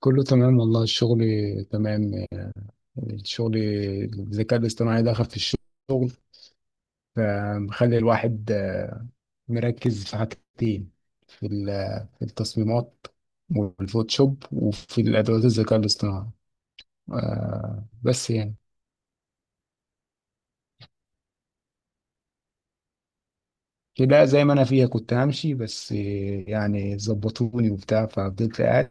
كله تمام والله الشغل تمام. الشغل الذكاء الاصطناعي دخل في الشغل فمخلي الواحد مركز في حاجتين في التصميمات والفوتوشوب وفي الأدوات الذكاء الاصطناعي بس يعني كده زي ما أنا فيها كنت همشي بس يعني ظبطوني وبتاع ففضلت قاعد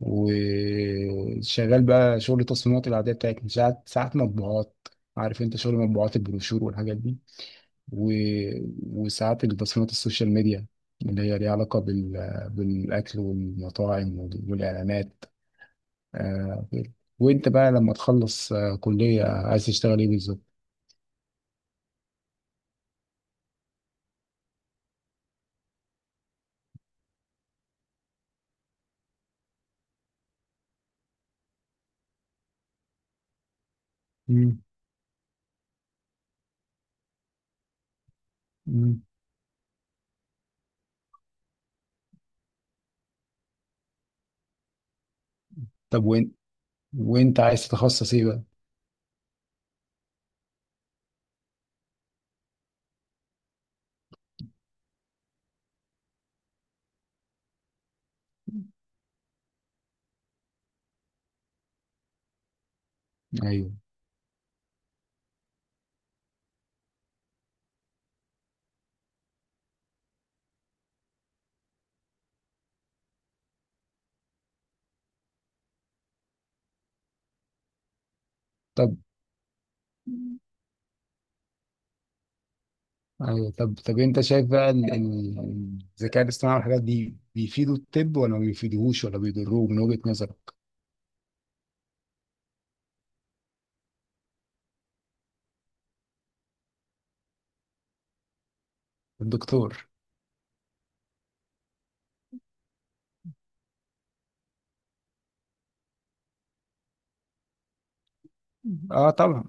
وشغال بقى شغل التصميمات العادية بتاعتنا ساعات، ساعات مطبوعات. عارف انت شغل مطبوعات البروشور والحاجات دي و... وساعات التصميمات السوشيال ميديا اللي هي ليها علاقة بالأكل والمطاعم والإعلانات. آه، وأنت بقى لما تخلص كلية عايز تشتغل إيه بالظبط؟ مم. مم. طب وين وأنت عايز تتخصص إيه بقى؟ أيوه طب أيوه طب. أنت شايف بقى الذكاء الاصطناعي والحاجات دي بيفيدوا الطب ولا ما بيفيدوهوش ولا بيضروه من وجهة نظرك؟ الدكتور. آه طبعا.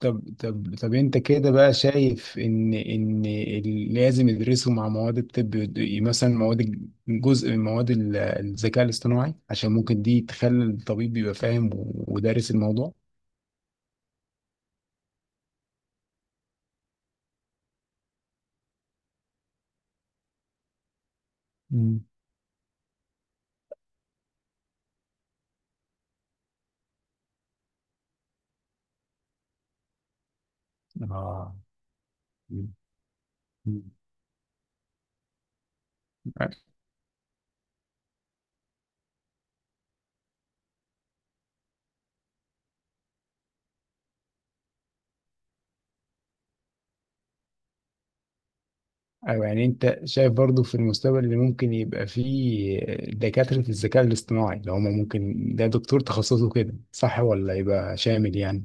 طب انت كده بقى شايف ان ال- لازم يدرسوا مع مواد الطب يد- مثلا مواد الج- جزء من مواد الذكاء الاصطناعي عشان ممكن دي تخلي الطبيب يبقى فاهم ودارس الموضوع. مم. آه. مم. مم. ايوه يعني انت شايف برضو في المستقبل اللي ممكن يبقى فيه دكاترة الذكاء الاصطناعي اللي هما ممكن ده دكتور تخصصه كده، صح ولا يبقى شامل يعني؟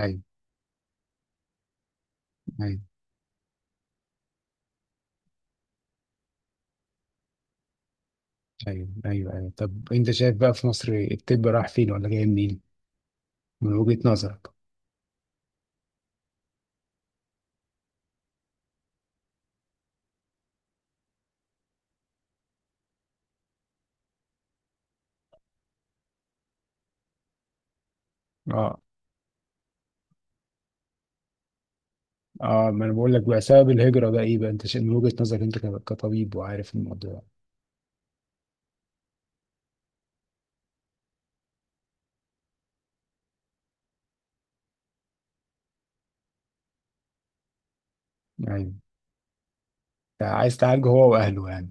أيوه. أيوه. ايوه، ايوه، ايوه. طب انت شايف بقى في مصر الطب راح فين ولا جاي منين من وجهة نظرك؟ اه. اه، ما انا بقول لك بقى سبب الهجرة ده ايه بقى؟ انت شايف من وجهة نظرك انت كطبيب وعارف الموضوع. ايوه. أنت عايز تعالجه هو واهله يعني.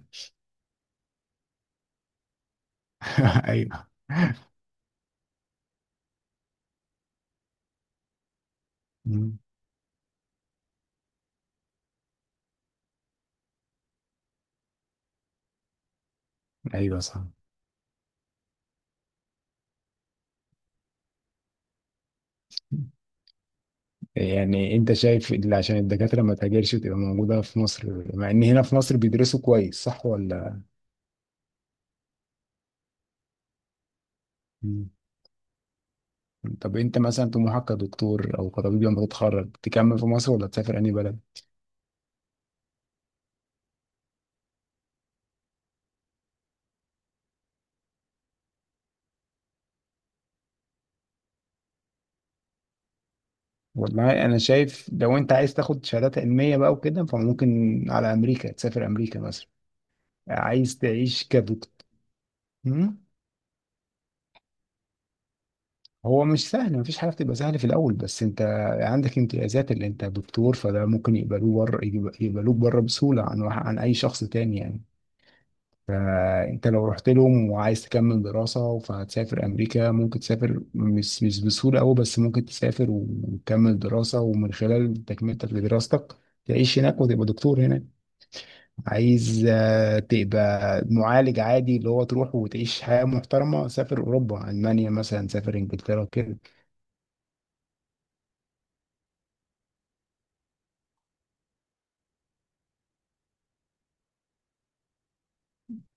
ايوه. مم. ايوه صح. يعني انت شايف اللي عشان الدكاترة ما تهاجرش وتبقى موجودة في مصر، مع ان هنا في مصر بيدرسوا كويس صح ولا؟ مم. طب انت مثلا طموحك كدكتور او كطبيب لما تتخرج تكمل في مصر ولا تسافر اي بلد؟ والله انا شايف لو انت عايز تاخد شهادات علميه بقى وكده فممكن على امريكا، تسافر امريكا مثلا. عايز تعيش كدكتور. مم؟ هو مش سهل، مفيش حاجه بتبقى سهله في الاول، بس انت عندك امتيازات اللي انت دكتور فده ممكن يقبلوه بره، يقبلوك بره بسهوله عن اي شخص تاني يعني. فانت لو رحت لهم وعايز تكمل دراسه فهتسافر امريكا، ممكن تسافر، مش بسهوله قوي بس ممكن تسافر وتكمل دراسه، ومن خلال تكملتك لدراستك تعيش هناك وتبقى دكتور هناك. عايز تبقى معالج عادي اللي هو تروح وتعيش حياة محترمة، سافر أوروبا، ألمانيا مثلا، سافر إنجلترا كده.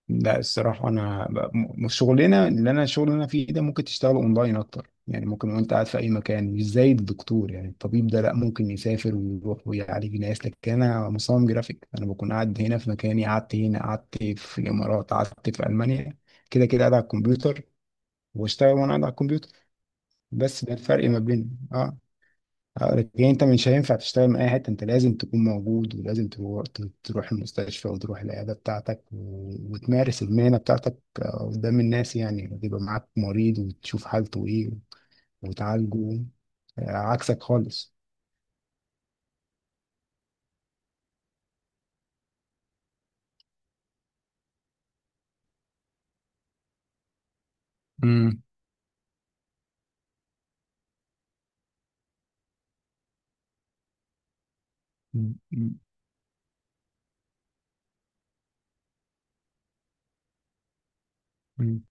لا الصراحة أنا شغلنا اللي أنا الشغل اللي أنا فيه ده ممكن تشتغل أونلاين أكتر يعني، ممكن وأنت قاعد في أي مكان، مش زي الدكتور يعني، الطبيب ده لا ممكن يسافر ويروح ويعالج ناس، لكن أنا مصمم جرافيك أنا بكون قاعد هنا في مكاني، قعدت هنا، قعدت في الإمارات، قعدت في ألمانيا، كده كده قاعد على الكمبيوتر واشتغل وأنا قاعد على الكمبيوتر. بس ده الفرق ما بين اه، هقولك إيه، انت مش هينفع تشتغل من اي حته، انت لازم تكون موجود ولازم تروح، تروح المستشفى وتروح العياده بتاعتك وتمارس المهنه بتاعتك قدام الناس يعني، يبقى معاك مريض وتشوف حالته ايه وتعالجه. عكسك خالص. مم. مم. مم. مم.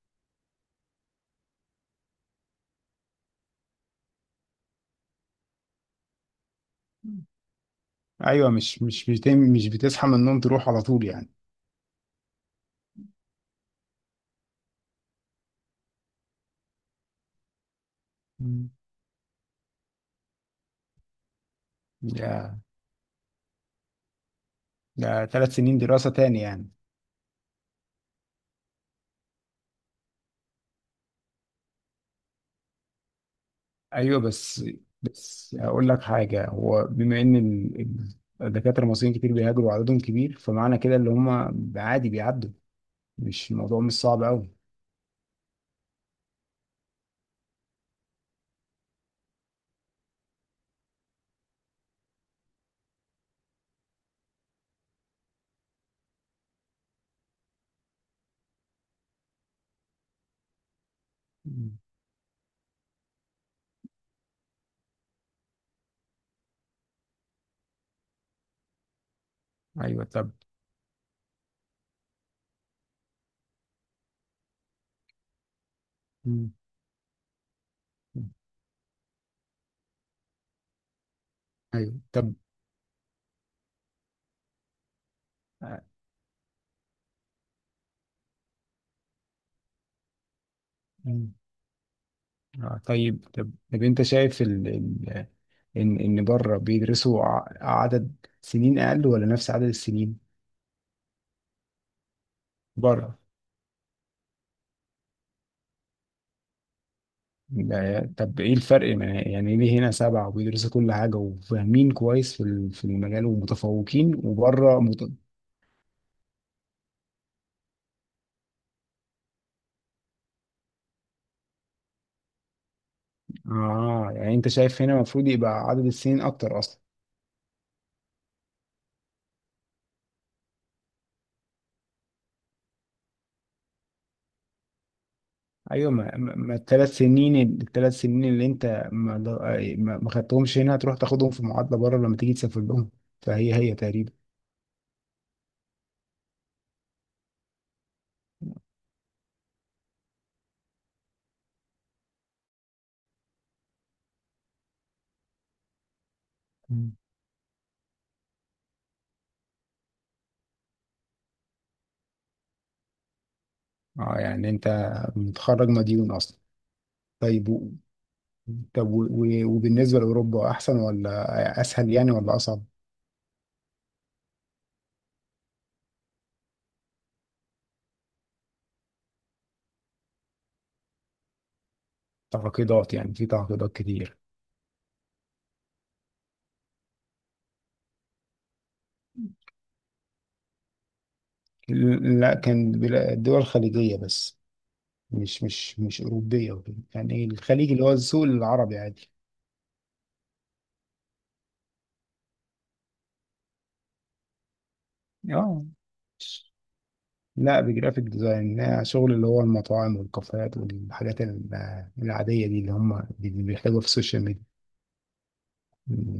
ايوه، مش بتصحى من النوم تروح على طول يعني. مم. ده ده ثلاث سنين دراسه تاني يعني. ايوه بس، هقول لك حاجه، هو بما ان الدكاتره المصريين كتير بيهاجروا وعددهم كبير فمعنى كده اللي هم عادي بيعدوا، مش الموضوع مش صعب قوي. ايوه طب. مم. ايوه طب. آه، مم. طيب. طب طب انت شايف ان ان بره بيدرسوا عدد سنين اقل ولا نفس عدد السنين؟ بره. طب ايه الفرق يعني ليه هنا سبعة وبيدرسوا كل حاجة وفاهمين كويس في في المجال ومتفوقين وبره مت... اه يعني انت شايف هنا المفروض يبقى عدد السنين اكتر اصلا. ايوه ما الثلاث سنين، الثلاث سنين اللي انت ما خدتهمش هنا هتروح تاخدهم في معادلة بره لما تيجي تسافر لهم فهي هي تقريبا. مم. اه يعني انت متخرج مديون اصلا. طيب طب وبالنسبة لأوروبا احسن ولا اسهل يعني ولا اصعب؟ تعقيدات يعني، في تعقيدات كتير. لا كان الدول الخليجية بس، مش أوروبية وكده يعني، الخليج اللي هو السوق العربي عادي. اه. لا بجرافيك ديزاين، لا، شغل اللي هو المطاعم والكافيهات والحاجات العادية دي اللي هم اللي بيحتاجوها في السوشيال ميديا.